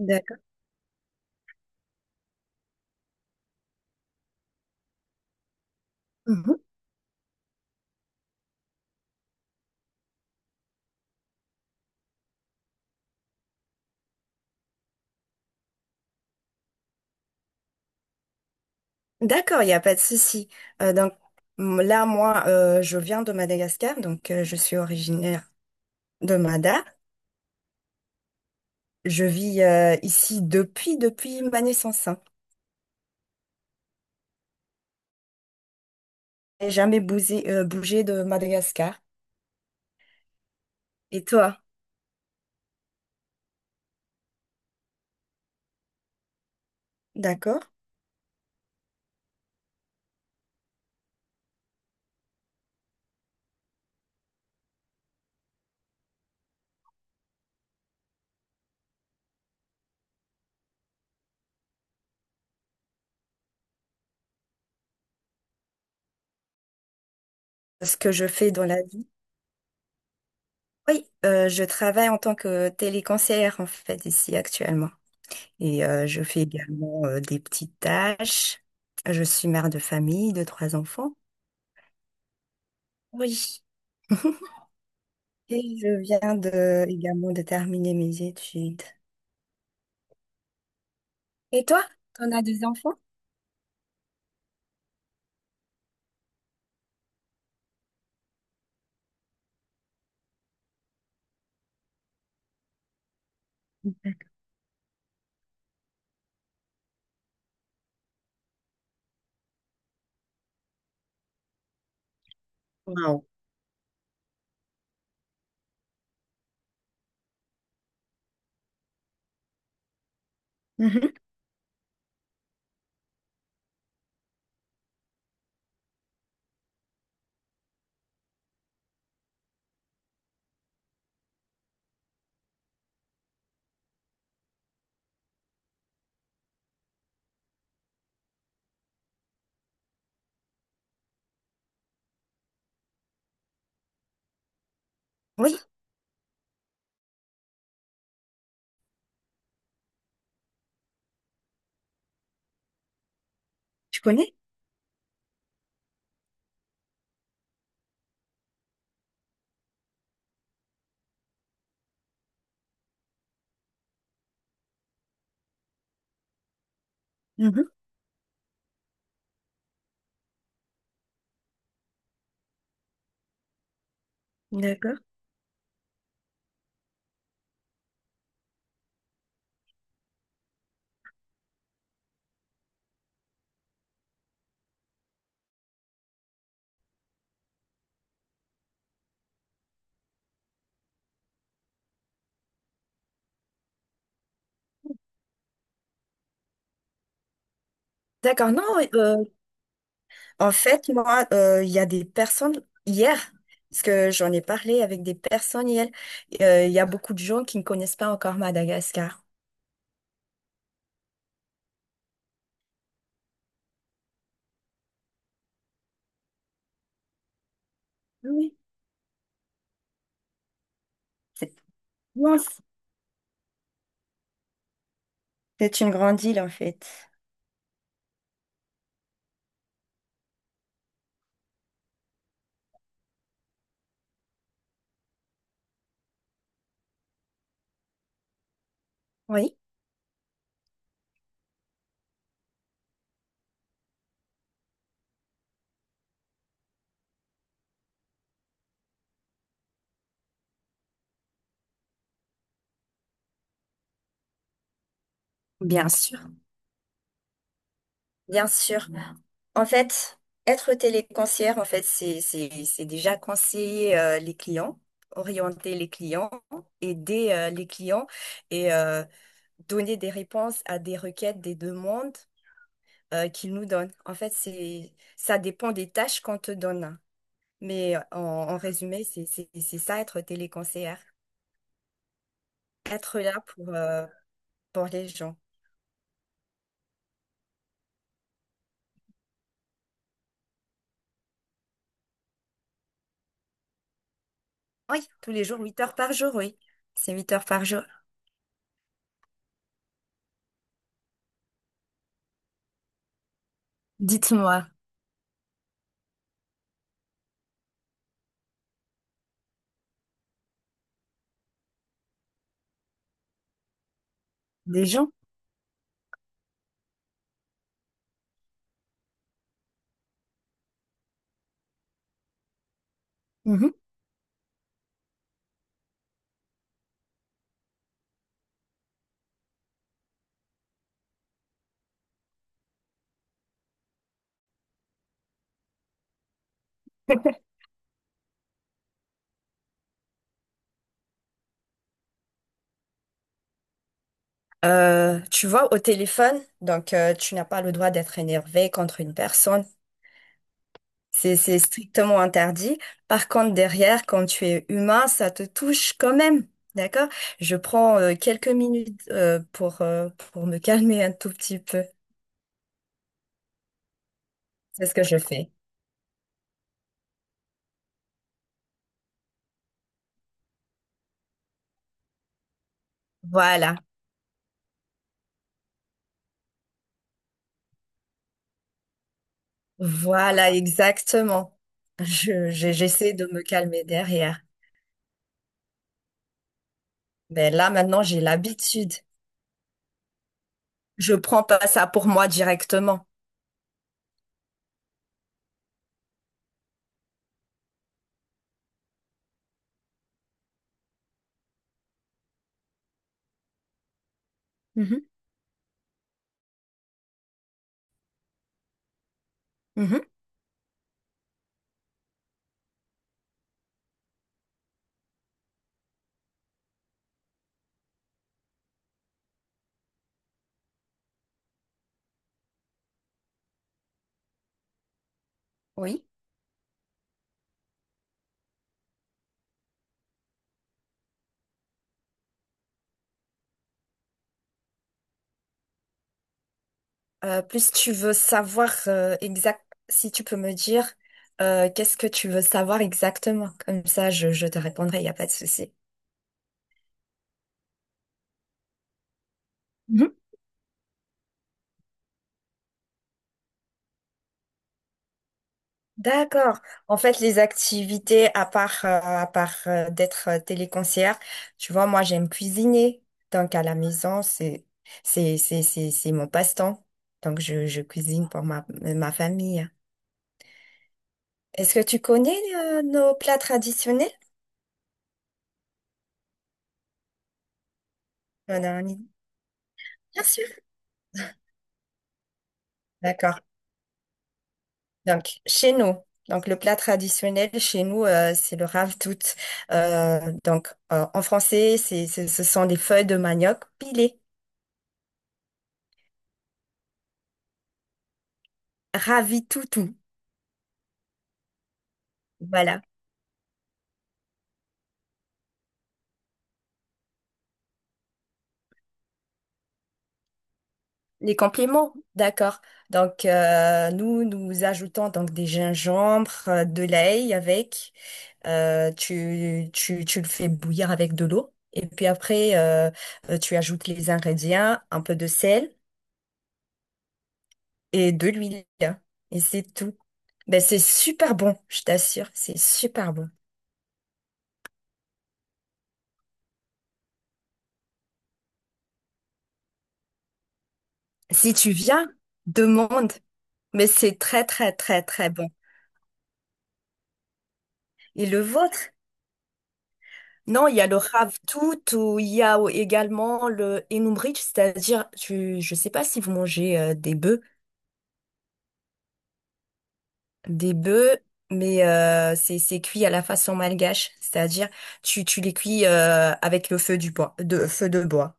D'accord. Mhm. D'accord, il n'y a pas de souci. Euh, donc Moi, je viens de Madagascar, donc je suis originaire de Mada. Je vis ici depuis ma naissance, hein. J'ai jamais bougé, de Madagascar. Et toi, d'accord? Ce que je fais dans la vie? Oui, je travaille en tant que téléconseillère en fait ici actuellement. Et je fais également des petites tâches. Je suis mère de famille de 3 enfants. Oui. Et je viens de, également de terminer mes études. Et toi, t'en as des enfants? Wow. Mhm. Oui, je connais. Mhm. D'accord. D'accord. Non, euh, en fait, moi, il y a des personnes hier, parce que j'en ai parlé avec des personnes hier, il y a beaucoup de gens qui ne connaissent pas encore Madagascar. Oui. C'est immense. C'est une grande île, en fait. Oui. Bien sûr, bien sûr. En fait, être téléconseillère, en fait, c'est déjà conseiller les clients, orienter les clients, aider les clients et donner des réponses à des requêtes, des demandes qu'ils nous donnent. En fait, c'est, ça dépend des tâches qu'on te donne. Mais en résumé, c'est ça, être téléconseillère. Être là pour les gens. Oui, tous les jours, 8 heures par jour, oui. C'est 8 heures par jour. Dites-moi, des gens? Mhm. Tu vois, au téléphone, donc tu n'as pas le droit d'être énervé contre une personne. C'est strictement interdit. Par contre, derrière, quand tu es humain, ça te touche quand même. D'accord? Je prends quelques minutes pour me calmer un tout petit peu. C'est ce que je fais. Voilà. Voilà, exactement. J'essaie de me calmer derrière. Mais là, maintenant, j'ai l'habitude. Je prends pas ça pour moi directement. Mhm. Mhm. Oui. Plus tu veux savoir exact, si tu peux me dire qu'est-ce que tu veux savoir exactement. Comme ça, je te répondrai, il n'y a pas de souci. Mhm. D'accord. En fait, les activités, à part d'être téléconcière, tu vois, moi, j'aime cuisiner. Donc, à la maison, c'est mon passe-temps. Donc, je cuisine pour ma famille. Est-ce que tu connais nos plats traditionnels? On a un- Bien sûr. D'accord. Donc, chez nous, donc le plat traditionnel chez nous, c'est le ravitoot. En français, ce sont des feuilles de manioc pilées. Ravitoutou. Voilà. Les compléments, d'accord. Donc, nous ajoutons donc des gingembres, de l'ail avec. Tu le fais bouillir avec de l'eau. Et puis après, tu ajoutes les ingrédients, un peu de sel et de l'huile. Et c'est tout. Ben, c'est super bon, je t'assure, c'est super bon. Si tu viens, demande, mais c'est très très très très bon. Et le vôtre? Non, il y a le ravitoot ou il y a également le enoumbrich, c'est-à-dire, je sais pas si vous mangez des bœufs, des bœufs, mais c'est cuit à la façon malgache, c'est-à-dire tu les cuis avec le feu du bois, de feu de bois.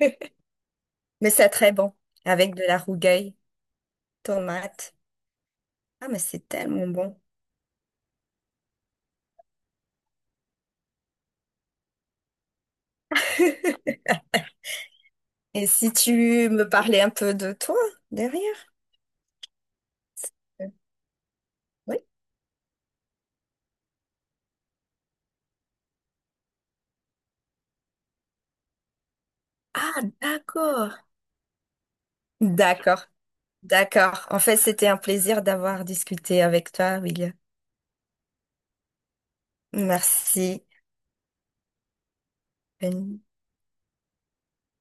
Mais c'est très bon, avec de la rougaille, tomate. Ah, mais c'est tellement bon. Et si tu me parlais un peu de toi derrière? Oui. Ah, d'accord. D'accord, d'accord. En fait, c'était un plaisir d'avoir discuté avec toi, Will. Merci. Bonne-